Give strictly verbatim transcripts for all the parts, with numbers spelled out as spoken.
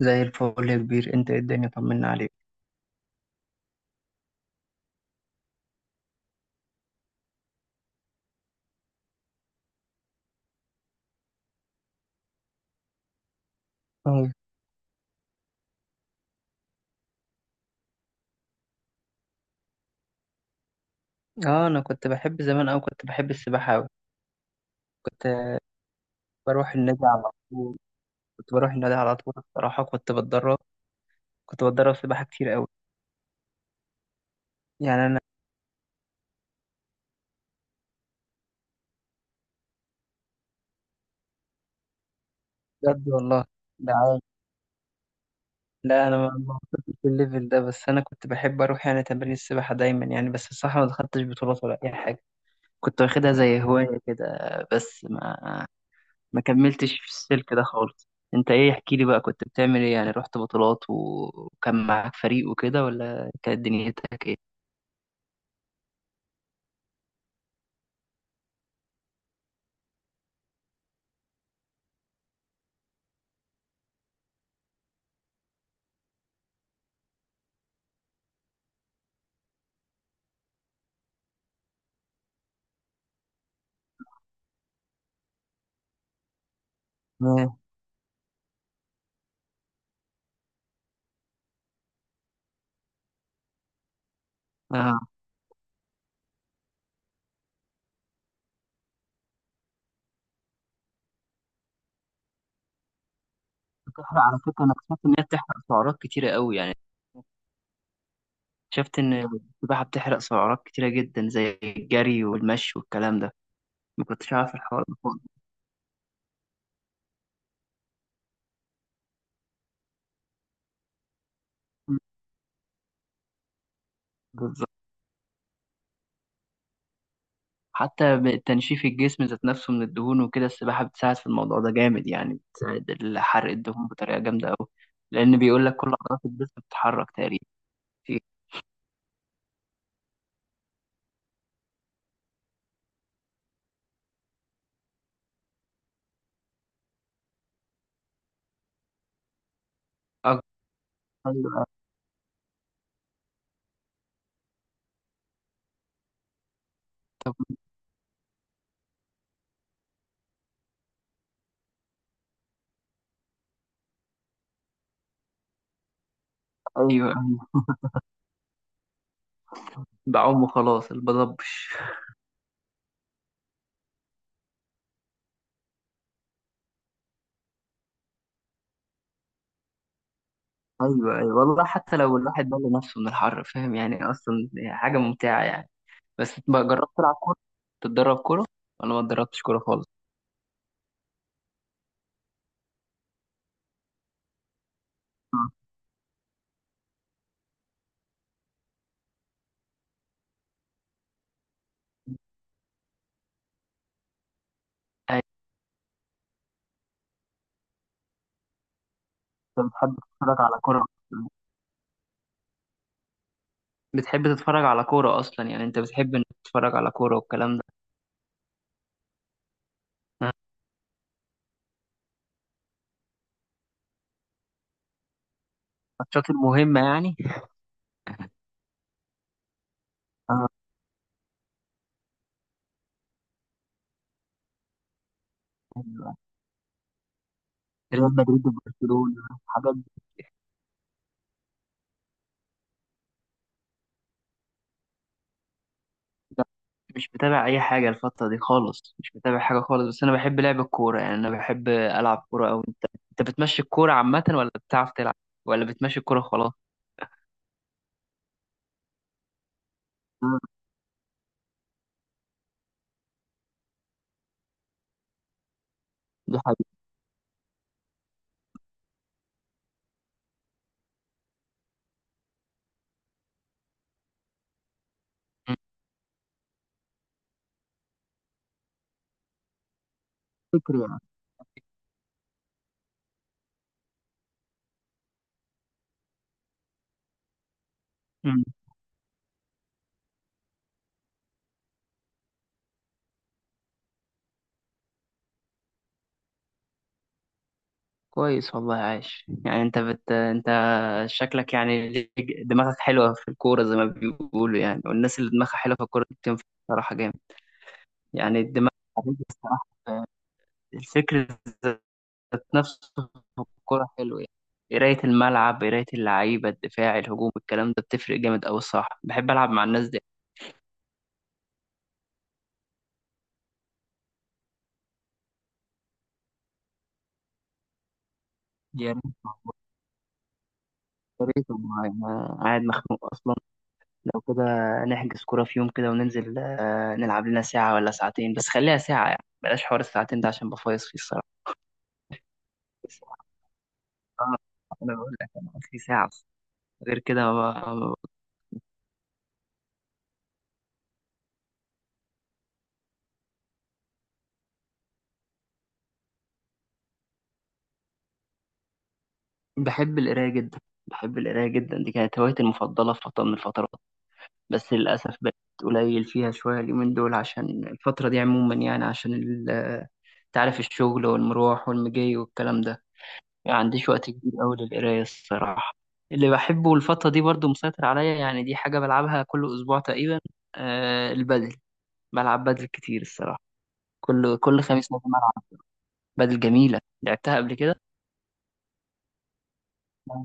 زي الفل يا كبير، انت ايه؟ الدنيا طمنا عليك. طيب. اه، انا كنت بحب زمان اوي، كنت بحب السباحة اوي. كنت بروح النادي على طول كنت بروح النادي على طول الصراحة. كنت بتدرب كنت بتدرب سباحة كتير اوي، يعني انا. بجد والله؟ ده عادي. لا، انا ما ما وصلتش الليفل ده، بس انا كنت بحب اروح يعني تمارين السباحة دايما يعني، بس الصراحة ما دخلتش بطولات ولا اي حاجة. كنت واخدها زي هواية كده، بس ما ما كملتش في السلك ده خالص. انت ايه؟ احكي لي بقى، كنت بتعمل ايه يعني؟ رحت بطولات و- وكان معاك فريق وكده، ولا كانت دنيتك ايه؟ تمام. اه، بتحرق على فكره، انا اكتشفت ان هي بتحرق سعرات كتيره قوي يعني. شفت ان السباحه بتحرق سعرات كتيره جدا، زي الجري والمشي والكلام ده. ما كنتش عارف الحوار ده خالص. بالظبط، حتى تنشيف الجسم ذات نفسه من الدهون وكده، السباحه بتساعد في الموضوع ده جامد يعني، بتساعد حرق الدهون بطريقه جامده قوي. لان بيقول لك كل عضلات الجسم بتتحرك تقريبا. في أكتر. أيوة. طب، أيوة أيوة. بعوم وخلاص البضبش. أيوة أيوة والله، حتى لو الواحد بل نفسه من الحر، فاهم يعني؟ أصلا حاجة ممتعة يعني. بس بقى، جربت تلعب كورة؟ تتدرب كورة؟ أنا ما اتدربتش كورة خالص. آه. أيوة. أنت بتحب تتفرج على كورة؟ بتحب تتفرج على كورة أصلا يعني؟ أنت بتحب إنك تتفرج على كورة والكلام ده؟ آه. الماتشات المهمة يعني. آه، أيوة. ريال مدريد وبرشلونة، الحاجات. لا، مش متابع اي حاجه الفتره دي خالص، مش متابع حاجه خالص، بس انا بحب لعب الكوره يعني. انا بحب العب كوره، او انت انت بتمشي الكوره عامه ولا بتعرف تلعب؟ ولا بتمشي الكوره خلاص؟ مم. دي حقيقة. فكري يعني. مم. كويس والله، عاش يعني. انت بت... انت شكلك يعني ليك- دماغك حلوه في الكوره زي ما بيقولوا يعني، والناس اللي دماغها حلوه في الكوره دي بتنفع بصراحه جامد. يعني الدماغ الصراحه، الفكر ذات نفسه في الكورة حلو يعني. قراية الملعب، قراية اللعيبة، الدفاع، الهجوم، الكلام ده بتفرق جامد أوي الصراحة. بحب ألعب مع الناس دي يعني. يا ريت والله، أنا قاعد مخنوق أصلا. لو كده، نحجز كورة في يوم كده وننزل آه، نلعب لنا ساعة ولا ساعتين، بس خليها ساعة يعني، بلاش حوار الساعتين ده عشان بفايص فيه الصراحة. بس آه، أنا بقول لك، أنا أصلي ساعة، غير كده. ما- بحب القراية جدا، بحب القراية جدا. دي كانت هوايتي المفضلة في فترة من الفترات، بس للأسف بقت قليل فيها شوية اليومين دول، عشان الفترة دي عموما يعني، عشان ال- تعرف الشغل والمروح والمجي والكلام ده، يعني عنديش وقت كبير أوي للقراية الصراحة. اللي بحبه الفترة دي برضو مسيطر عليا يعني، دي حاجة بلعبها كل أسبوع تقريبا. آه، البدل. بلعب بدل كتير الصراحة. كل كل خميس لازم ألعب بدل. جميلة، لعبتها قبل كده؟ لا.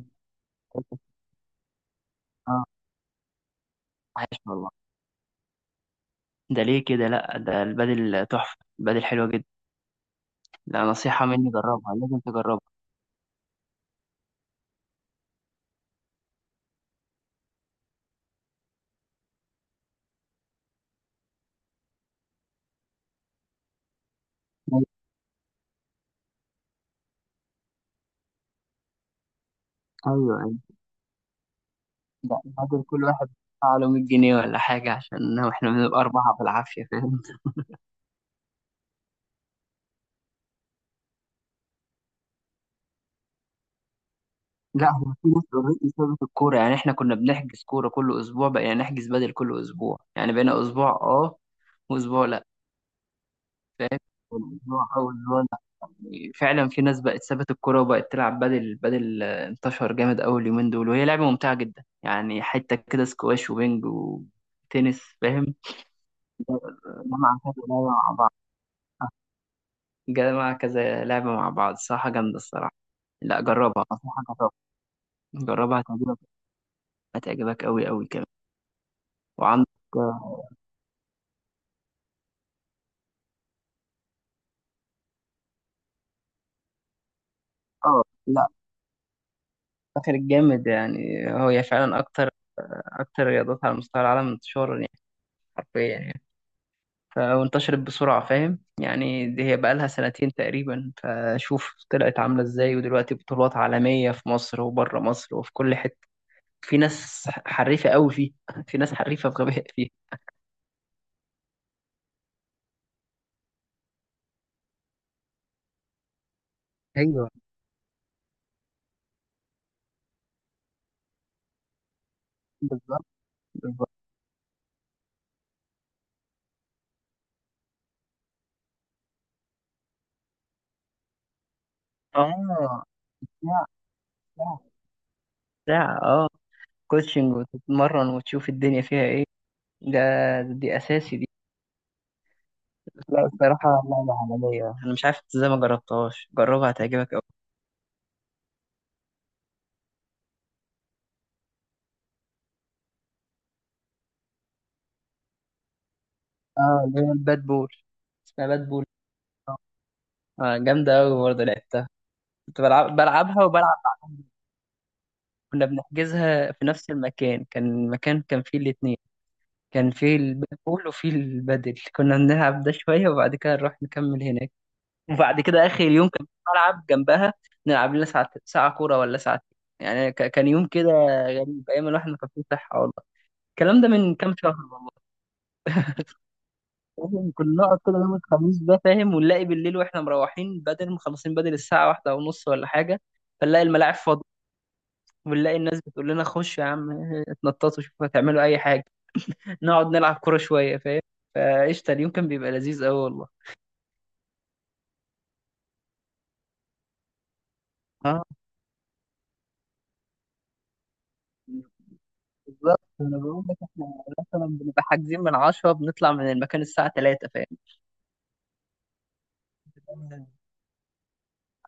آه، عايش والله. ده ليه كده لأ؟ ده البدل تحفة، البدل حلوة جدا. لا نصيحة مني، جربها، لازم تجربها. ايوه ايوه، لا بدل كل واحد يدفع له مية جنيه ولا حاجه، عشان احنا بنبقى اربعه بالعافيه، فاهم؟ لا هو في ناس اوريدي سابت الكوره يعني، احنا كنا بنحجز كوره كل اسبوع، بقينا نحجز بدل كل اسبوع، يعني بقينا اسبوع اه واسبوع لا. فاهم؟ اسبوع اه واسبوع لا. يعني فعلا في ناس بقت سابت الكوره وبقت تلعب بدل. بدل آه، انتشر جامد اول يومين دول، وهي لعبه ممتعه جدا يعني، حته كده سكواش وبينج وتنس، فاهم؟ جمع كذا لعبه مع بعض. جمع كذا لعبة مع بعض، صراحة جامدة الصراحة. لا جربها، أنصحك جربها. جربها هتعجبك. هتعجبك أوي أوي كمان. وعندك آه آه، لا، فاكر الجامد يعني؟ هي فعلا أكتر، أكتر رياضات على مستوى العالم انتشارا يعني، حرفيا يعني. ف- وانتشرت بسرعة، فاهم يعني؟ دي هي بقالها سنتين تقريبا، فشوف طلعت عاملة إزاي، ودلوقتي بطولات عالمية في مصر وبره مصر وفي كل حتة. في ناس حريفة أوي فيه، في ناس حريفة بغباء فيه. ايوه بالظبط. اه. ساعة ساعة ساعة اه كوتشنج، وتتمرن، وتشوف الدنيا فيها ايه. ده دي اساسي دي. لا الصراحة لعبة عالمية، انا مش عارف إنت ازاي ما جربتهاش، جربها هتعجبك اوي. اه، اللي هي الباد بول. اسمها باد بول. اه جامدة اوي برضه، لعبتها. كنت بلعب بلعبها وبلعب. كنا بنحجزها في نفس المكان، كان مكان كان فيه الاتنين، كان فيه الباد بول وفيه البادل. كنا بنلعب ده شوية وبعد كده نروح نكمل هناك، وبعد كده اخر اليوم كان في ملعب جنبها، نلعب لنا ساعة، ساعة كورة ولا ساعتين يعني. ك- كان يوم كده غريب، ايام الواحد ما كان فيه صحة والله. الكلام ده من كام شهر والله. فاهم؟ كنا نقعد كده يوم الخميس ده فاهم، ونلاقي بالليل واحنا مروحين بدل، مخلصين بدل الساعة واحدة ونص ولا حاجة، فنلاقي الملاعب فاضية. ونلاقي الناس بتقول لنا خشوا يا عم، اتنططوا شوفوا هتعملوا اي حاجة. نقعد نلعب كورة شوية فاهم. فقشطة، اليوم كان بيبقى لذيذ قوي والله. اه بالظبط، انا بقول لك احنا مثلا بنبقى حاجزين من عشرة، بنطلع من المكان الساعة ثلاثة فاهم.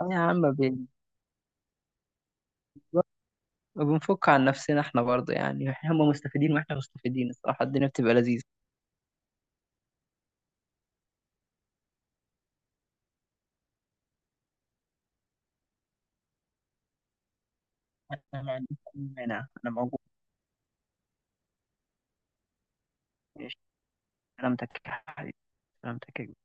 اه يا عم بن- بنفك عن نفسنا احنا برضه، يعني هم مستفيدين واحنا مستفيدين الصراحة، الدنيا بتبقى لذيذة. انا ما عنديش أي مانع، انا موجود. ماشي. سلامتك يا حبيبي. سلامتك يا